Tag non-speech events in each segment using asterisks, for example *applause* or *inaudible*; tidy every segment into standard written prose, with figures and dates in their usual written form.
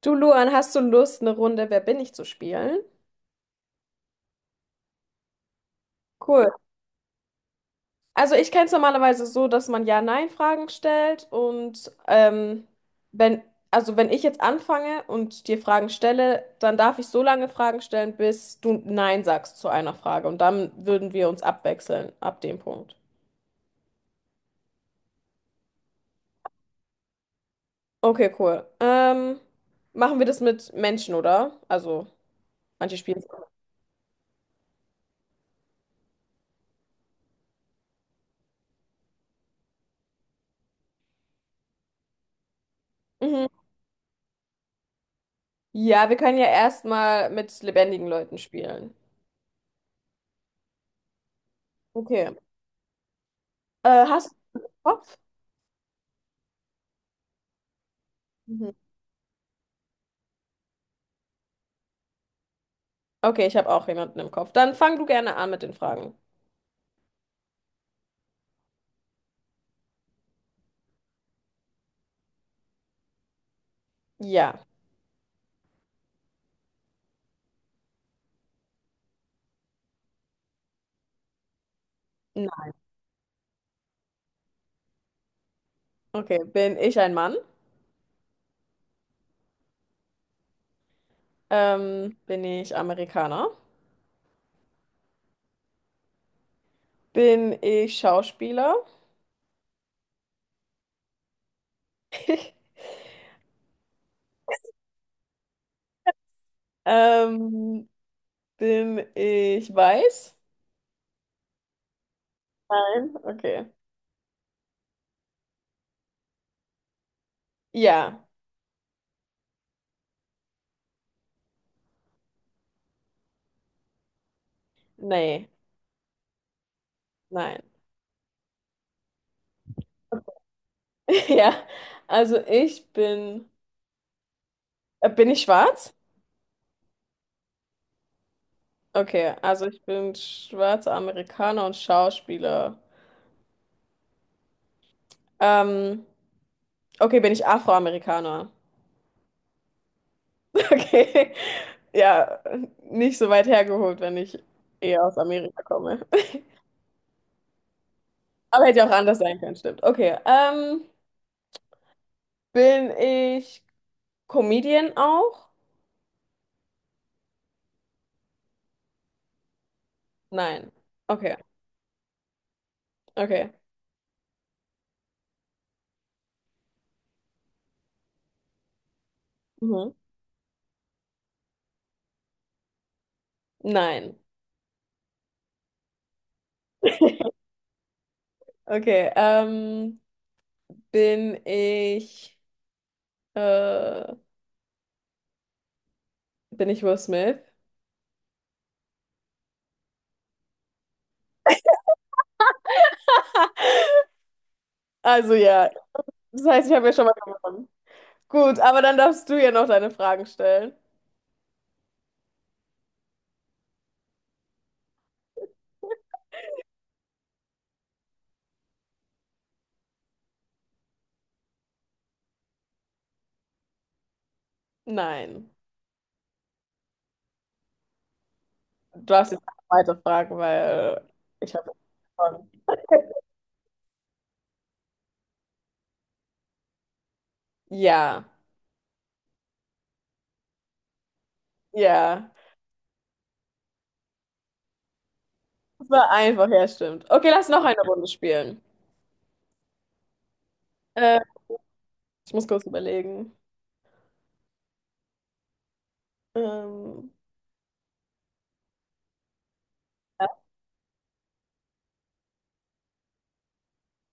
Du, Luan, hast du Lust, eine Runde Wer bin ich zu spielen? Cool. Also ich kenne es normalerweise so, dass man Ja-Nein-Fragen stellt und wenn, also wenn ich jetzt anfange und dir Fragen stelle, dann darf ich so lange Fragen stellen, bis du Nein sagst zu einer Frage und dann würden wir uns abwechseln ab dem Punkt. Okay, cool. Machen wir das mit Menschen, oder? Also manche spielen. So. Mhm. Ja, wir können ja erstmal mit lebendigen Leuten spielen. Okay. Hast du Bock? Mhm. Okay, ich habe auch jemanden im Kopf. Dann fang du gerne an mit den Fragen. Ja. Na, okay. Bin ich ein Mann? Bin ich Amerikaner? Bin ich Schauspieler? Ähm, bin ich weiß? Nein. Okay. Ja. Nee. Nein. *laughs* Ja. Also ich bin. Bin ich schwarz? Okay. Also ich bin schwarzer Amerikaner und Schauspieler. Ähm, okay, bin ich Afroamerikaner? *laughs* Okay. Ja, nicht so weit hergeholt, wenn ich eher aus Amerika komme. *laughs* Aber hätte ja auch anders sein können, stimmt. Okay. Bin ich Comedian auch? Nein. Okay, okay. Mhm. Nein. *laughs* Okay. Bin ich äh, bin ich Will Smith? *laughs* Also ja. Das heißt, ich habe ja schon mal gewonnen. Gut, aber dann darfst du ja noch deine Fragen stellen. Nein. Du darfst jetzt weiter fragen, weil ich habe *laughs* Ja, ja. Das war einfach, ja, stimmt. Okay, lass noch eine Runde spielen. Äh, ich muss kurz überlegen. Ähm,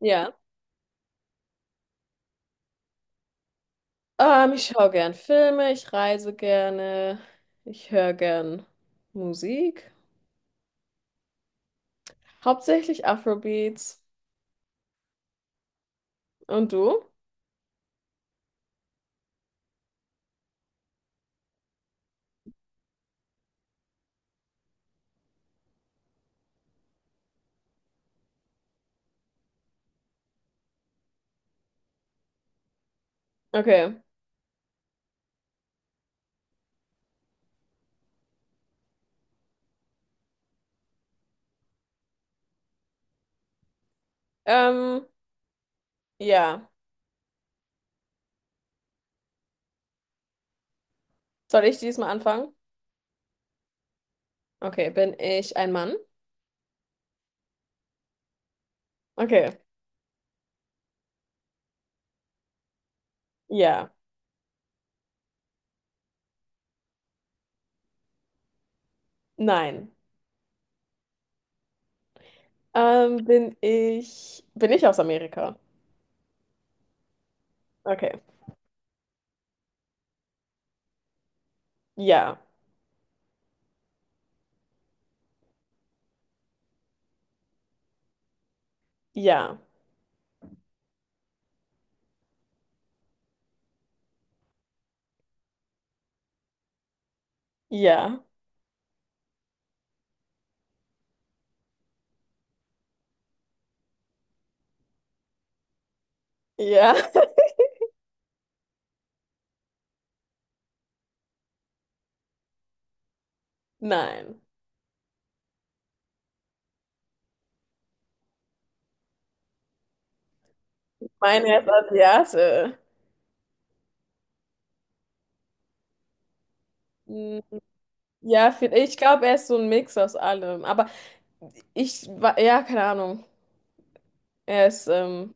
ja. Ich schaue gern Filme, ich reise gerne, ich höre gern Musik. Hauptsächlich Afrobeats. Und du? Okay. Ähm, ja. Soll ich diesmal anfangen? Okay, bin ich ein Mann? Okay. Ja. Nein. Bin ich aus Amerika? Okay. Ja, ja, ja, ja. *laughs* Nein. Meine er ist Asiate. Hm, ja, viel- ich glaube, er ist so ein Mix aus allem. Aber ich war, ja, keine Ahnung. Er ist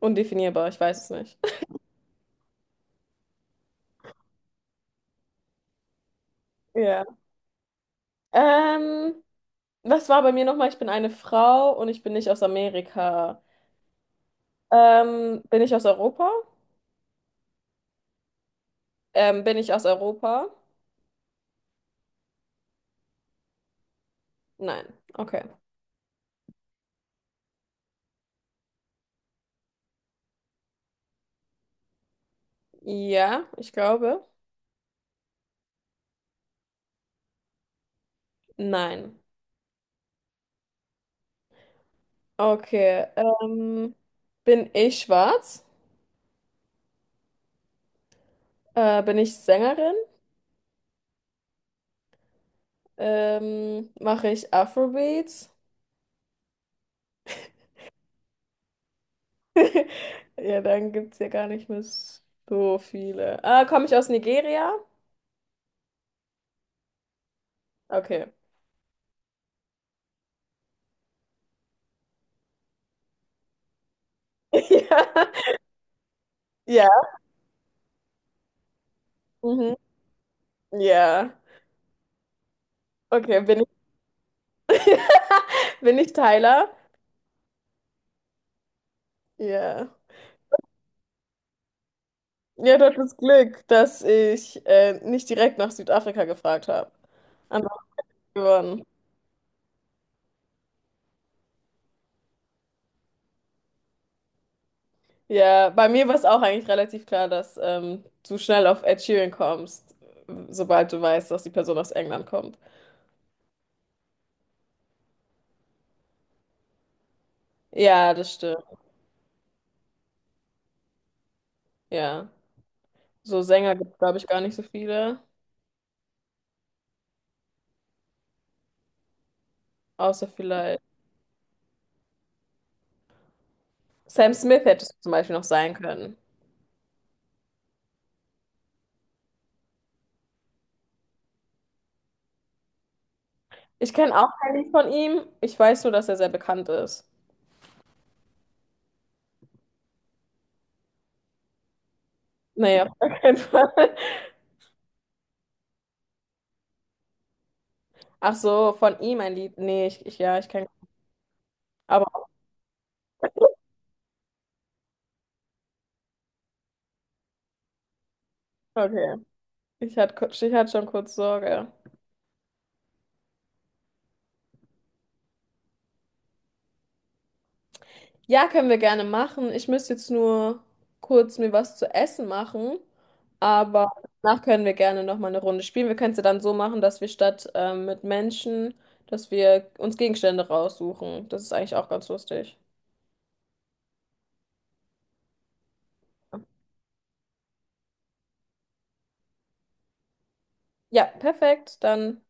undefinierbar, ich weiß es nicht. *laughs* Ja. Ähm, was war bei mir nochmal? Ich bin eine Frau und ich bin nicht aus Amerika. Bin ich aus Europa? Bin ich aus Europa? Nein. Okay. Ja, ich glaube. Nein. Okay. Bin ich schwarz? Bin ich Sängerin? Mache ich Afrobeats? *laughs* Ja, dann gibt es ja gar nicht mehr so viele. Ah, komme ich aus Nigeria? Okay. *laughs* Ja. Ja. Mhm. Ja. Okay, bin ich. *laughs* Bin ich Tyler? Ja. Ja, du hattest Glück, dass ich nicht direkt nach Südafrika gefragt habe. Ansonsten gewonnen. Ja, bei mir war es auch eigentlich relativ klar, dass du schnell auf Ed Sheeran kommst, sobald du weißt, dass die Person aus England kommt. Ja, das stimmt. Ja. So Sänger gibt es, glaube ich, gar nicht so viele. Außer vielleicht. Sam Smith hätte es zum Beispiel noch sein können. Ich kenne auch kein Lied von ihm. Ich weiß nur, dass er sehr bekannt ist. Naja, *laughs* auf gar keinen Fall. Ach so, von ihm ein Lied. Nee, ich ja, ich kenne. Aber okay. Ich hatte schon kurz Sorge. Ja, können wir gerne machen. Ich müsste jetzt nur kurz mir was zu essen machen, aber danach können wir gerne nochmal eine Runde spielen. Wir können es ja dann so machen, dass wir statt mit Menschen, dass wir uns Gegenstände raussuchen. Das ist eigentlich auch ganz lustig. Ja, perfekt. Dann.